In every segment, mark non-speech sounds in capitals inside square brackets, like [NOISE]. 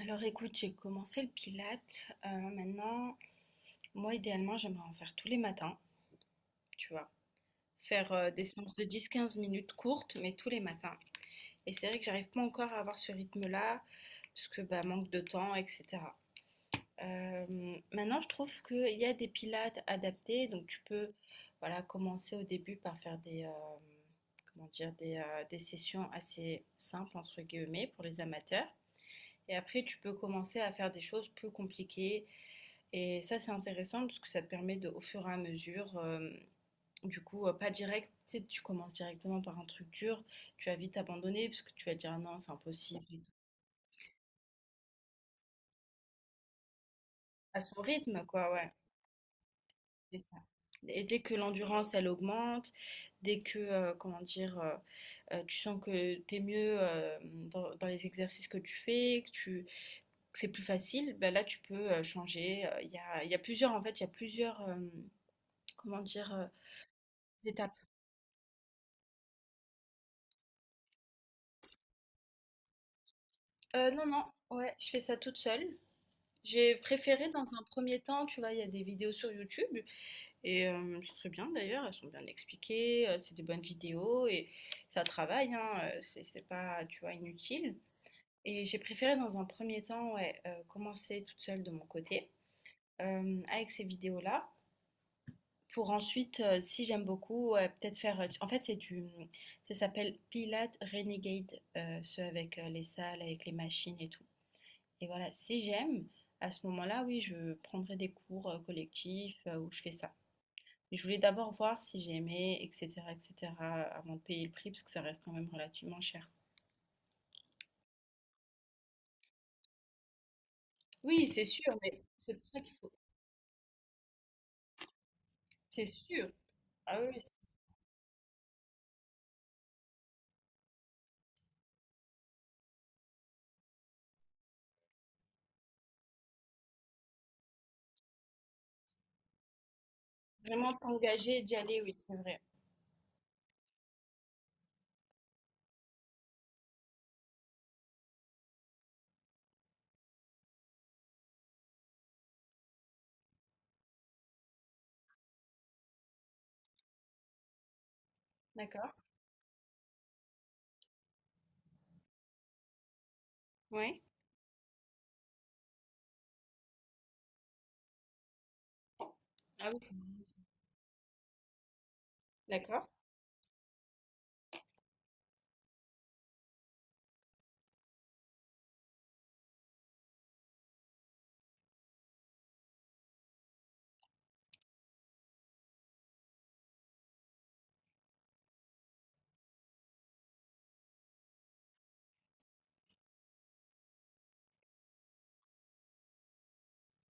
Alors écoute, j'ai commencé le Pilate. Maintenant, moi idéalement, j'aimerais en faire tous les matins, tu vois? Faire, des séances de 10, 15 minutes courtes, mais tous les matins et c'est vrai que j'arrive pas encore à avoir ce rythme-là parce que, bah, manque de temps et cetera. Maintenant je trouve qu'il y a des pilates adaptés donc tu peux, voilà, commencer au début par faire des, comment dire? Des sessions assez «simples» entre guillemets pour les amateurs et après tu peux commencer à faire des choses plus compliquées. Et ça, c'est intéressant parce que ça te permet de, au fur et à mesure, du coup, pas direct, tu sais, tu commences directement par un truc dur, tu vas vite abandonner parce que tu vas dire: ah non, c'est impossible. À son rythme, quoi, ouais, c'est ça. Et dès que l'endurance, elle augmente, dès que, comment dire, tu sens que t'es mieux dans, les exercices que tu fais, que tu, que c'est plus facile, ben là, tu peux changer. Il y a plusieurs, en fait, il y a plusieurs, comment dire, étapes. Non, non, ouais, je fais ça toute seule. J'ai préféré dans un premier temps, tu vois, il y a des vidéos sur YouTube et c'est très bien d'ailleurs, elles sont bien expliquées, c'est des bonnes vidéos et ça travaille, hein, c'est pas, tu vois, inutile. Et j'ai préféré dans un premier temps, ouais, commencer toute seule de mon côté avec ces vidéos-là pour ensuite, si j'aime beaucoup, ouais, peut-être faire. En fait, c'est du, ça s'appelle Pilates Renegade, ceux avec les salles, avec les machines et tout. Et voilà, si j'aime, à ce moment-là, oui, je prendrai des cours collectifs où je fais ça. Mais je voulais d'abord voir si j'aimais, etc., etc., avant de payer le prix, parce que ça reste quand même relativement cher. Oui, c'est sûr, mais c'est pour ça qu'il faut. C'est sûr. Ah oui, c'est vraiment t'engager et d'y aller, oui, c'est vrai. D'accord. Ouais. Ah oui. D'accord.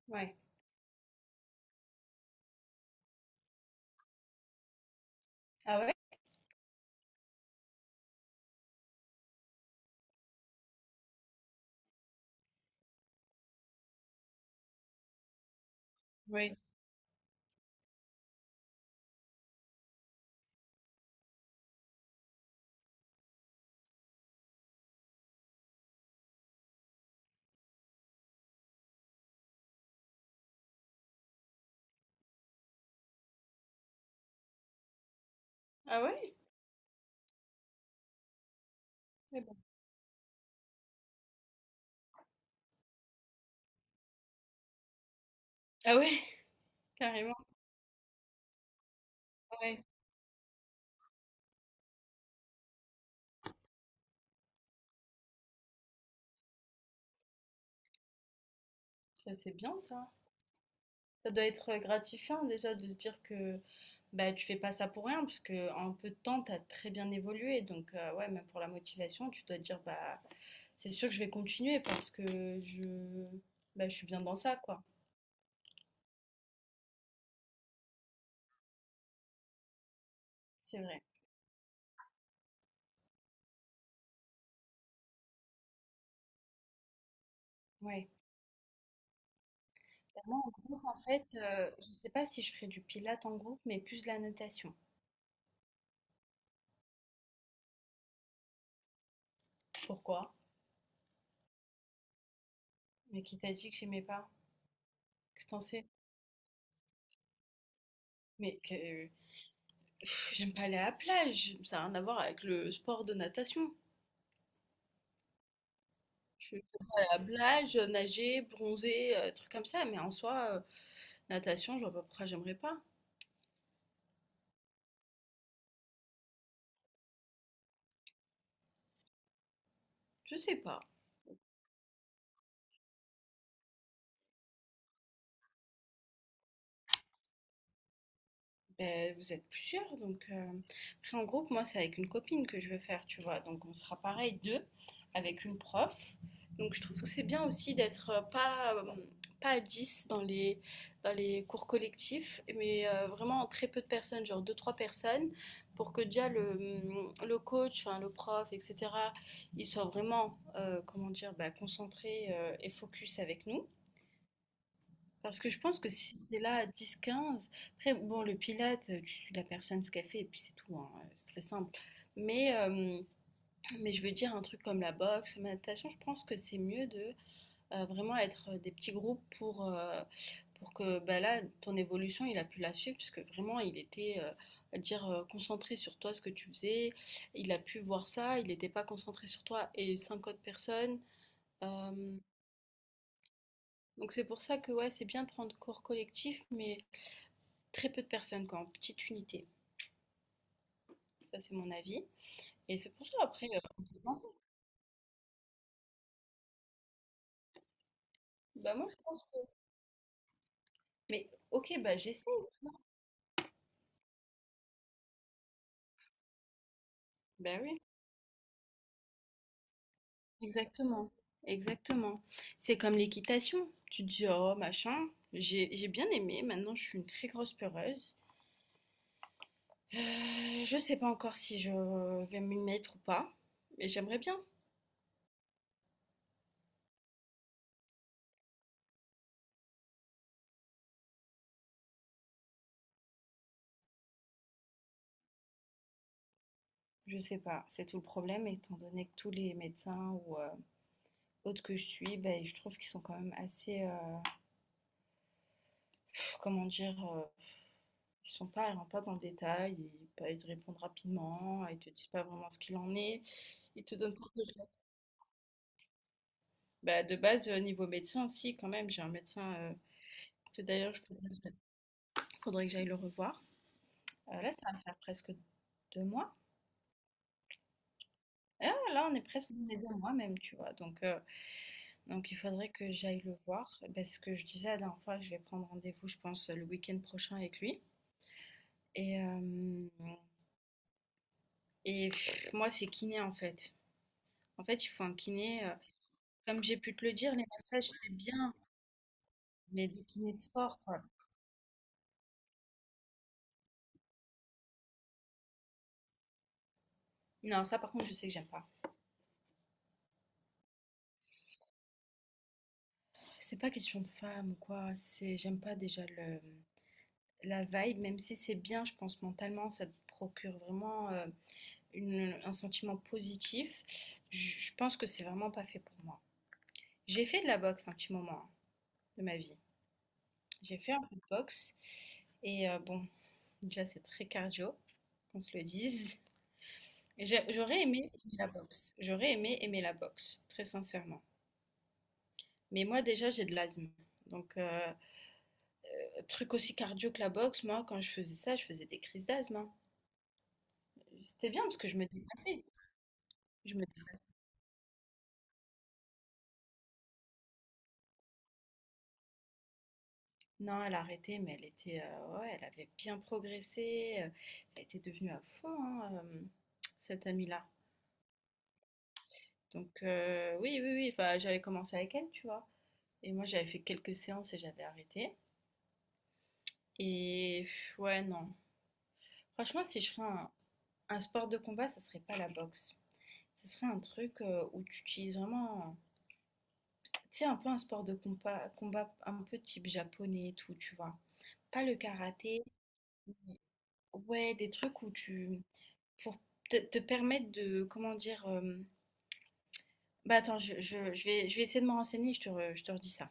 Ouais. Ah ouais? Oui. Ah ouais? Mais bon. Ah ouais, [LAUGHS] carrément. Ouais. Ça, c'est bien ça. Ça doit être gratifiant déjà de se dire que bah, tu fais pas ça pour rien, parce que en peu de temps, tu as très bien évolué. Donc, ouais, même pour la motivation, tu dois te dire, bah, c'est sûr que je vais continuer parce que je, bah, je suis bien dans ça, quoi. C'est vrai. Ouais. Bah, moi, en groupe, en fait, je sais pas si je ferais du pilate en groupe, mais plus de la natation. Pourquoi? Mais qui t'a dit que j'aimais pas? Qu'est-ce que t'en sais? Mais que... pff, j'aime pas aller à la plage. Ça n'a rien à voir avec le sport de natation. Blage nager, bronzer, trucs comme ça. Mais en soi, natation, je vois pas pourquoi j'aimerais pas. Je sais pas. Ben, vous êtes plusieurs, donc après en groupe, moi c'est avec une copine que je veux faire, tu vois, donc on sera pareil deux avec une prof. Donc je trouve que c'est bien aussi d'être pas à 10 dans les cours collectifs, mais vraiment en très peu de personnes, genre deux trois personnes, pour que déjà le mm, le coach, enfin le prof, etc. Il soit vraiment comment dire, bah, concentré et focus avec nous. Parce que je pense que si tu es là à 10, 15, après, bon, le pilate, tu suis la personne ce qu'elle fait et puis c'est tout, hein, c'est très simple. Mais, euh, mais je veux dire, un truc comme la boxe, la natation, je pense que c'est mieux de vraiment être des petits groupes pour que bah, là, ton évolution, il a pu la suivre, puisque vraiment, il était, à dire, concentré sur toi, ce que tu faisais. Il a pu voir ça, il n'était pas concentré sur toi et cinq autres personnes. Euh, donc c'est pour ça que ouais, c'est bien de prendre cours collectif, mais très peu de personnes, quoi, en petite unité. Ça, c'est mon avis. Et c'est pour ça, après, bah moi, je pense que... Mais ok, bah j'essaie. Bah oui, exactement. Exactement. C'est comme l'équitation. Tu te dis, oh, machin, j'ai bien aimé. Maintenant, je suis une très grosse peureuse. Je sais pas encore si je vais m'y mettre ou pas, mais j'aimerais bien. Je sais pas, c'est tout le problème, étant donné que tous les médecins ou autres que je suis, ben, je trouve qu'ils sont quand même assez, comment dire, ils sont pas ils rentrent pas dans le détail, ils te répondent rapidement, ils te disent pas vraiment ce qu'il en est. Ils te donnent pas de base, niveau médecin, si quand même, j'ai un médecin, que d'ailleurs il faudrait que j'aille le revoir. Là, ça va faire presque 2 mois. Ah, là, on est presque dans les 2 mois même, tu vois? Donc il faudrait que j'aille le voir. Bah, ce que je disais la dernière fois, je vais prendre rendez-vous, je pense, le week-end prochain avec lui et hem et moi, c'est kiné, en fait. En fait, il faut un kiné, comme j'ai pu te le dire, les massages, c'est bien, mais des kinés de sport, quoi. Non, ça, par contre, je sais que j'aime pas. C'est pas question de femme ou quoi. C'est, j'aime pas déjà le, la vibe, même si c'est bien, je pense, mentalement, ça te procure vraiment un sentiment positif. Je pense que c'est vraiment pas fait pour moi. J'ai fait de la boxe un petit moment hein, de ma vie. J'ai fait un peu de boxe et bon, déjà, c'est très cardio, qu'on se le dise. J'aurais aimé aimer la boxe. J'aurais aimé aimer la boxe, très sincèrement. Mais moi, déjà, j'ai de l'asthme. Donc, truc aussi cardio que la boxe, moi, quand je faisais ça, je faisais des crises d'asthme, hein. C'était bien parce que je me dépassais. Je me... Non, elle a arrêté, mais elle était, ouais, elle avait bien progressé. Elle était devenue à fond, hein, cette amie-là. Donc, oui, oui, oui. Enfin, j'avais commencé avec elle, tu vois. Et moi, j'avais fait quelques séances et j'avais arrêté. Et pff, ouais, non. Franchement, si je ferais un, sport de combat, ça serait pas la boxe. Ce serait un truc où tu utilises vraiment. Tu sais, un peu un sport de combat, un peu type japonais et tout, tu vois. Pas le karaté, ouais, des trucs où tu... pour te permettre de, comment dire... Bah attends, je vais essayer de me renseigner, je te redis ça.